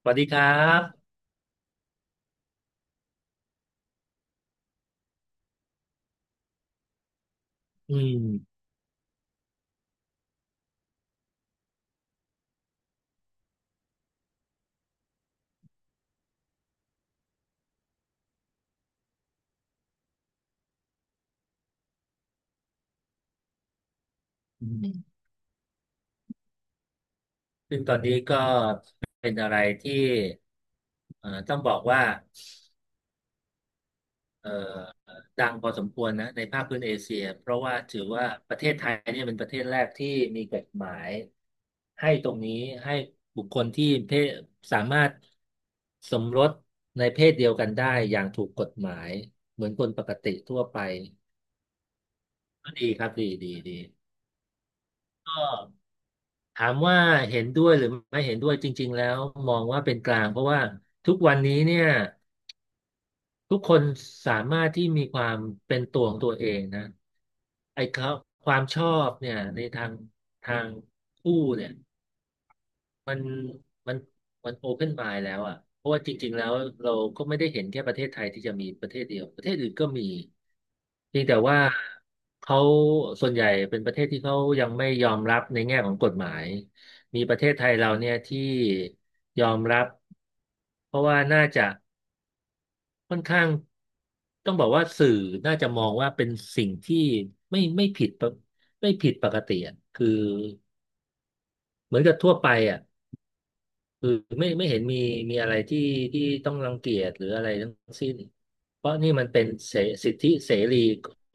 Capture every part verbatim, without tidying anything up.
สวัสดีครับอืมอืมซึ่งตอนนี้ก็เป็นอะไรที่เอ่อต้องบอกว่าเอ่อดังพอสมควรนะในภาคพื้นเอเชียเพราะว่าถือว่าประเทศไทยเนี่ยเป็นประเทศแรกที่มีกฎหมายให้ตรงนี้ให้บุคคลที่เพศสามารถสมรสในเพศเดียวกันได้อย่างถูกกฎหมายเหมือนคนปกติทั่วไปก็ดีครับดีดีดีก็ ถามว่าเห็นด้วยหรือไม่เห็นด้วยจริงๆแล้วมองว่าเป็นกลางเพราะว่าทุกวันนี้เนี่ยทุกคนสามารถที่มีความเป็นตัวของตัวเองนะไอ้เขาความชอบเนี่ยในทางทางคู่เนี่ยมันมันมันโอเพนมายแล้วอ่ะเพราะว่าจริงๆแล้วเราก็ไม่ได้เห็นแค่ประเทศไทยที่จะมีประเทศเดียวประเทศอื่นก็มี เพียงแต่ว่าเขาส่วนใหญ่เป็นประเทศที่เขายังไม่ยอมรับในแง่ของกฎหมายมีประเทศไทยเราเนี่ยที่ยอมรับเพราะว่าน่าจะค่อนข้างต้องบอกว่าสื่อน่าจะมองว่าเป็นสิ่งที่ไม่ไม่ผิดปกไม่ผิดปกติอะคือเหมือนกับทั่วไปอ่ะ คือไม่ไม่เห็นมีมีอะไรที่ที่ต้องรังเกียจหรืออะไรทั้งสิ้นเพราะนี่มันเป็นเสสิทธิเสรี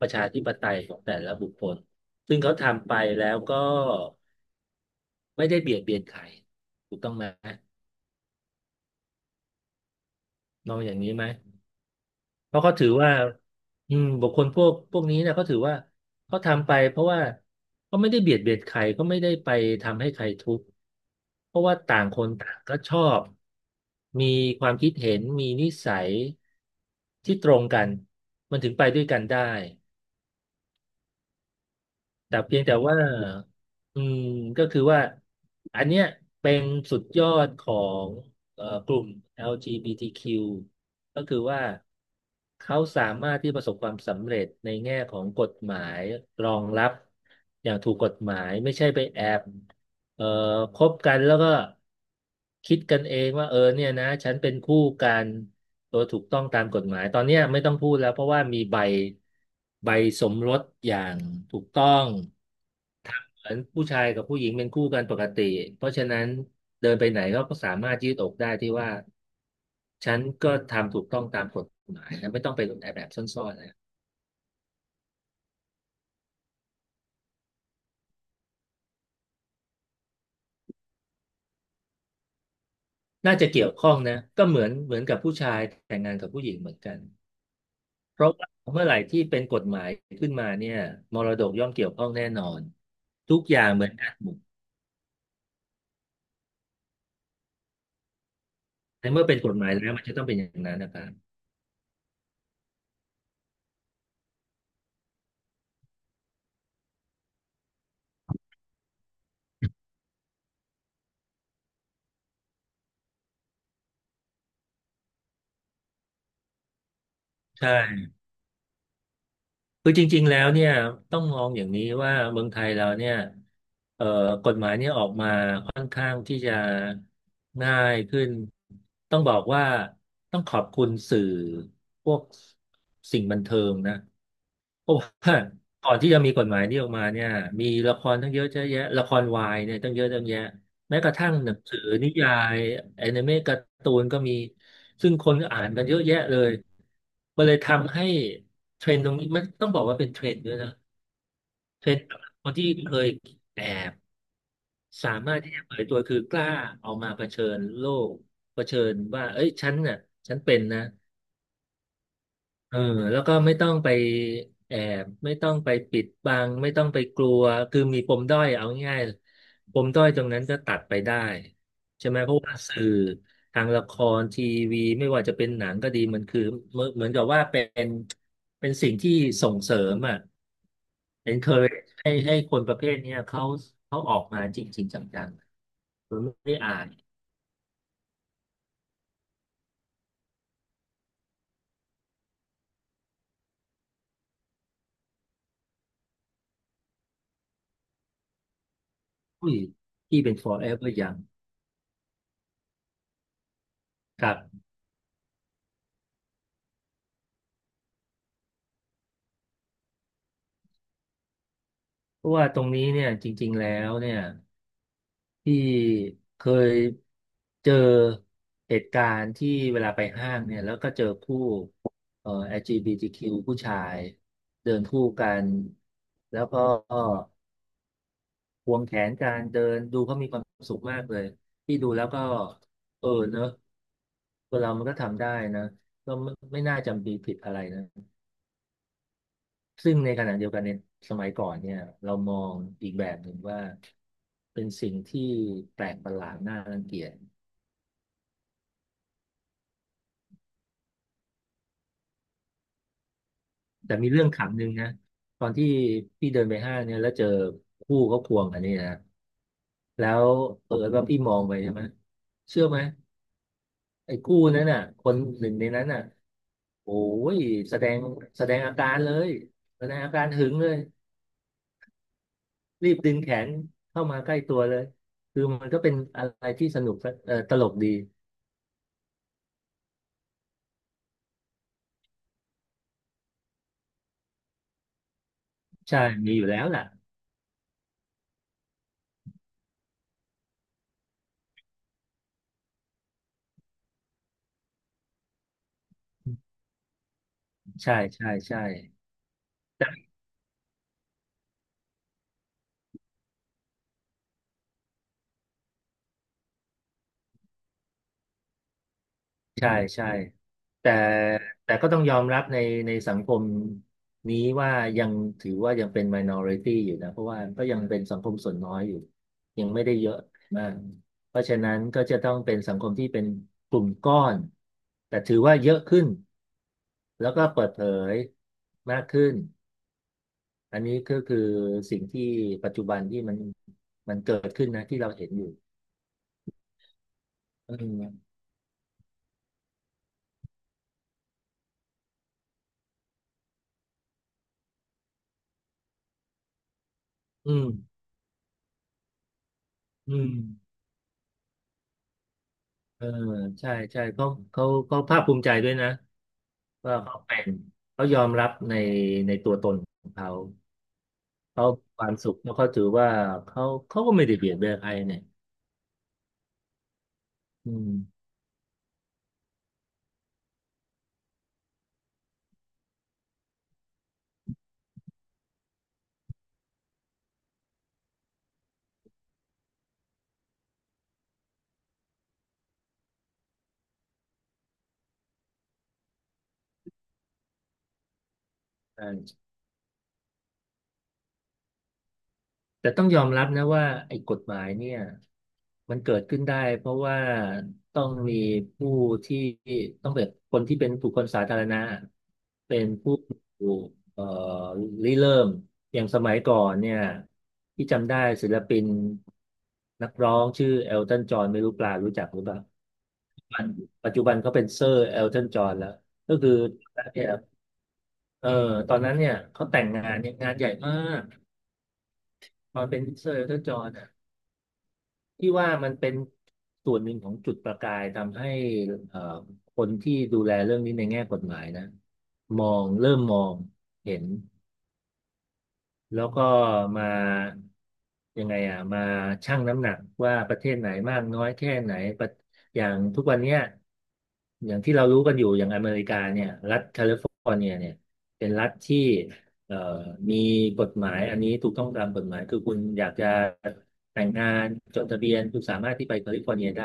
ประชาธิปไตยของแต่ละบุคคลซึ่งเขาทำไปแล้วก็ไม่ได้เบียดเบียนใครถูกต้องไหมมองอย่างนี้ไหม เพราะเขาถือว่าอืมบุคคลพวกพวกนี้นะ่เขาถือว่าเขาทำไปเพราะว่าเขาไม่ได้เบียดเบียนใครเขาไม่ได้ไปทำให้ใครทุกข์เพราะว่าต่างคนต่างก็ชอบมีความคิดเห็นมีนิสัยที่ตรงกันมันถึงไปด้วยกันได้ แต่เพียงแต่ว่าอืมก็คือว่าอันเนี้ยเป็นสุดยอดของเอ่อกลุ่ม แอล จี บี ที คิว ก็คือว่าเขาสามารถที่ประสบความสำเร็จในแง่ของกฎหมายรองรับอย่างถูกกฎหมายไม่ใช่ไปแอบเอ่อคบกันแล้วก็คิดกันเองว่าเออเนี่ยนะฉันเป็นคู่กันโดยถูกต้องตามกฎหมายตอนเนี้ยไม่ต้องพูดแล้วเพราะว่ามีใบใบสมรสอย่างถูกต้อง เหมือนผู้ชายกับผู้หญิงเป็นคู่กันปกติเพราะฉะนั้นเดินไปไหนเขาก็สามารถยืดอกได้ที่ว่าฉันก็ทำถูกต้องตามกฎหมายนะไม่ต้องไปหลบแอบแอบซ่อนๆนะน่าจะเกี่ยวข้องนะก็เหมือนเหมือนกับผู้ชายแต่งงานกับผู้หญิงเหมือนกันเพราะว่าเมื่อไหร่ที่เป็นกฎหมายขึ้นมาเนี่ยมรดกย่อมเกี่ยวข้องแน่นอนทุกอย่างเหมือนกันหมดในเมื่อเป็นกฎหมายแล้วมันจะต้องเป็นอย่างนั้นนะครับใช่คือจริงๆแล้วเนี่ยต้องมองอย่างนี้ว่าเมืองไทยเราเนี่ยเอ่อ ออกมาค่อนข้างที่จะง่ายขึ้นต้องบอกว่าต้องขอบคุณสื่อพวกสิ่งบันเทิงนะเพราะว่าก่อนที่จะมีกฎหมายนี้ออกมาเนี่ยมีละครตั้งเยอะแยะละครวายเนี่ยตั้งเยอะตั้งแยะแม้กระทั่งหนังสือนิยายแอนิเมะการ์ตูนก็มีซึ่งคนก็อ่านกันเยอะแยะเลยมันเลยทำให้เทรนด์ตรงนี้มันต้องบอกว่าเป็นเทรนด์ด้วยนะเทรนด์คนที่เคยแอบ สามารถที่จะเปิดตัวคือกล้าเอามาเผชิญโลกเผชิญว่าเอ้ยฉันน่ะฉันเป็นนะเออแล้วก็ไม่ต้องไปแอบไม่ต้องไปปิดบังไม่ต้องไปกลัวคือมีปมด้อยเอาง่ายๆปมด้อยตรงนั้นก็ตัดไปได้ใช่ไหมเพราะว่าสื่อทางละครทีวีไม่ว่าจะเป็นหนังก็ดีมันคือเหมือนเหมือนกับว่าเป็นเป็นสิ่งที่ส่งเสริมอ่ะ encourage ให้ให้คนประเภทเนี้ยเขาเขาออกมาจริงๆจัง มันไม่ได้อ่านอุ้ยพี่เป็น forever young ครับเพราะว่าตรงนี้เนี่ยจริงๆแล้วเนี่ยพี่เคยเจอเหตุการณ์ที่เวลาไปห้างเนี่ยแล้วก็เจอคู่เอ่อ แอล จี บี ที คิว ผู้ชายเดินคู่กันแล้วก็ควงแขนกันเดินดูเขามีความสุขมากเลยพี่ดูแล้วก็เออเนอะคนเรามันก็ทำได้นะก็ไม่ไม่น่าจำปีผิดอะไรนะ ซึ่งในขณะเดียวกันในสมัยก่อนเนี่ยเรามองอีกแบบหนึ่งว่าเป็นสิ่งที่แปลกประหลาดน่ารังเกียจแต่มีเรื่องขำหนึ่งนะตอนที่พี่เดินไปห้างเนี่ยแล้วเจอคู่เขาควงกันนี่นะแล้วเออว่าพี่มองไปใช่ไหมเชื่อไหมไอ้คู่นั้นน่ะคนหนึ่งในนั้นน่ะโอ้ยแสดงแสดงอาการเลยแสดงอาการหึงเลยรีบดึงแขนเข้ามาใกล้ตัวเลยคือมันก็เป็นอะไรที่สนุกเออตลกดี ใช่ มีอยู่แล้วแหละใช่ใช่ใช่แต่ใช่ใช่แต่แต่ก็ต้องยอมรับในในสังคมนี้ว่ายังถือว่ายังเป็น minority อยู่นะเพราะว่าก็ยังเป็นสังคมส่วนน้อยอยู่ยังไม่ได้เยอะมากเพราะฉะนั้นก็จะต้องเป็นสังคมที่เป็นกลุ่มก้อนแต่ถือว่าเยอะขึ้นแล้วก็เปิดเผยมากขึ้นอันนี้ก็คือสิ่งที่ปัจจุบันที่มันมันเกิดขึ้นนะที่เราเห็นอยู่อืมอืมอืม เออใช่ใช่เขาเขาเขาภาคภูมิใจด้วยนะว่าเขาเป็นเขายอมรับในในตัวตนของเขาเขาความสุขแล้วเขาถือว่าเขาเขาก็ไม่ได้เบียดเบียนใครเนี่ยอืมใช่ แต่ต้องยอมรับนะว่าไอ้กฎหมายเนี่ยมันเกิดขึ้นได้เพราะว่าต้องมีผู้ที่ต้องเป็นคนที่เป็นบุคคลสาธารณะเป็นผู้เอ่อริเริ่มอย่างสมัยก่อนเนี่ยที่จำได้ศิลปินนักร้องชื่อเอลตันจอห์นไม่รู้ปลารู้จักหรือเปล่าปัจจุบันปัจจุบันเขาเป็นเซอร์เอลตันจอห์นแล้วก็คือเนี่ยเออตอนนั้นเนี่ยเขาแต่งงานเนี่ยงานใหญ่มากตอนเป็นเซอร์เอลตันจอห์น ที่ว่ามันเป็นส่วนหนึ่งของจุดประกายทำให้เอ่อคนที่ดูแลเรื่องนี้ในแง่กฎหมายนะมองเริ่มมองเห็น แล้วก็มายังไงอ่ะมาชั่งน้ำหนักว่าประเทศไหนมากน้อยแค่ไหนประอย่างทุกวันเนี้ยอย่างที่เรารู้กันอยู่อย่างอเมริกาเนี่ยรัฐแคลิฟอร์เนียเนี่ยเป็นรัฐที่เอ่อมีกฎหมายอันนี้ถูกต้องตามกฎหมายคือคุณอยากจะแต่งงานจดทะเบียนคุณสามารถที่ไปแคลิฟอร์เนียได้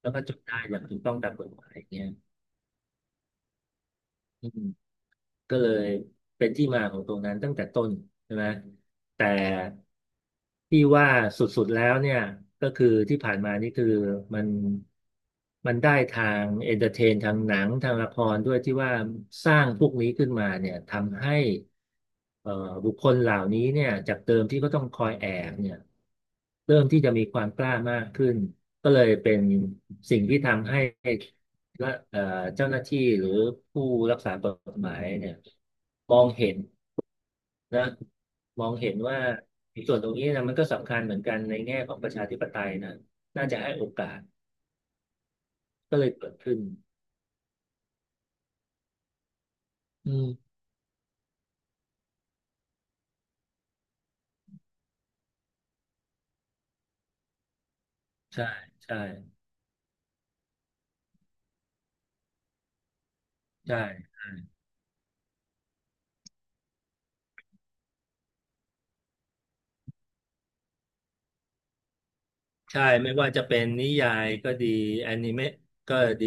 แล้วก็จดได้อย่างถูกต้องตามกฎหมายอย่างเงี้ยอืม ก็เลยเป็นที่มาของตรงนั้นตั้งแต่ต้นใช่ไหมแต่ที่ว่าสุดๆแล้วเนี่ยก็คือที่ผ่านมานี่คือมันมันได้ทางเอนเตอร์เทนทางหนังทางละครด้วยที่ว่าสร้างพวกนี้ขึ้นมาเนี่ยทำให้เอ่อบุคคลเหล่านี้เนี่ยจากเดิมที่ก็ต้องคอยแอบเนี่ยเริ่มที่จะมีความกล้ามากขึ้นก็เลยเป็นสิ่งที่ทำให้ และเอ่อเจ้าหน้าที่หรือผู้รักษากฎหมายเนี่ยมองเห็นนะมองเห็นว่าในส่วนตรงนี้นะมันก็สำคัญเหมือนกันในแง่ของประชาธิปไตยนะน่าจะให้โอกาสก็เลยเกิดขึ้นอืมใช่ใช่ใช่ใช่ไม่ว่าจะเป็นนิยายก็ดีแอนิเมะก็ดี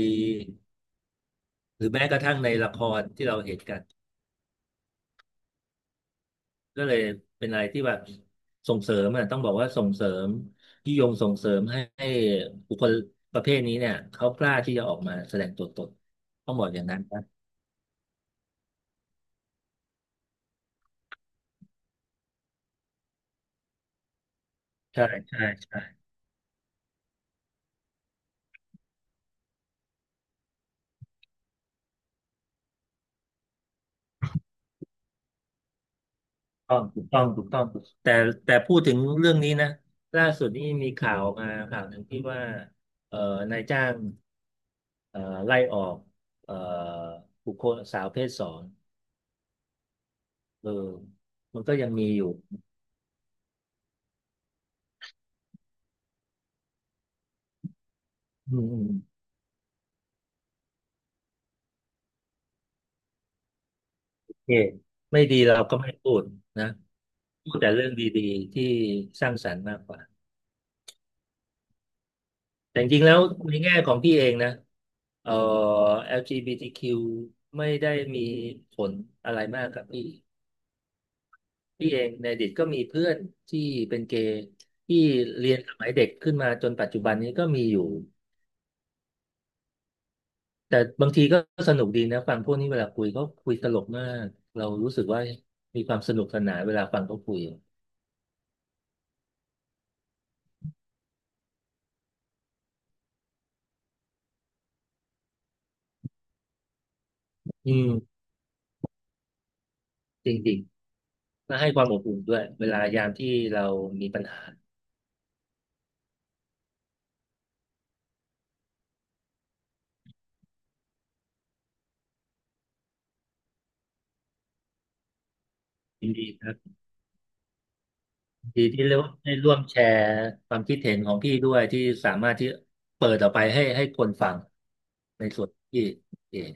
หรือแม้กระทั่งในละครที่เราเห็นกัน ก็เลยเป็นอะไรที่แบบส่งเสริมอ่ะต้องบอกว่าส่งเสริมยุยงส่งเสริมให้ให้บุคคลประเภทนี้เนี่ยเขากล้าที่จะออกมาแสดงตัวตนต้องบอกอย่างนั้นนะใช่ใช่ใช่ต้องถูกต้องถูกต้องแต่แต่พูดถึงเรื่องนี้นะล่าสุดนี่มีข่าวออกมาข่าวหนึ่งที่ว่าเอ่อนายจ้างเอ่อไล่ออกเอ่อบุคคลสาวเพศสองเออมันก็ยังมีอยู่อืมอืมโอเคไม่ดีเราก็ไม่พูดนะ พูดแต่เรื่องดีๆที่สร้างสรรค์มากกว่าแต่จริงๆแล้วในแง่ของพี่เองนะเอ่อ แอล จี บี ที คิว ไม่ได้มีผลอะไรมากกับพี่พี่เองในอดีตก็มีเพื่อนที่เป็นเกย์ที่เรียนสมัยเด็กขึ้นมาจนปัจจุบันนี้ก็มีอยู่แต่บางทีก็สนุกดีนะฟังพวกนี้เวลาคุยเขาคุยตลกมากเรารู้สึกว่ามีความสนุกสนานเวลาฟังเขาคุยอืมจริงๆและให้ความอบอุ่นด้วยเวลายามที่เรามีปัญหายินดีครับ ดีที่เรียกว่าได้ร่วมแชร์ความคิดเห็นของพี่ด้วยที่สามารถที่เปิดออกไปให้ให้คนฟังในส่วนที่เอง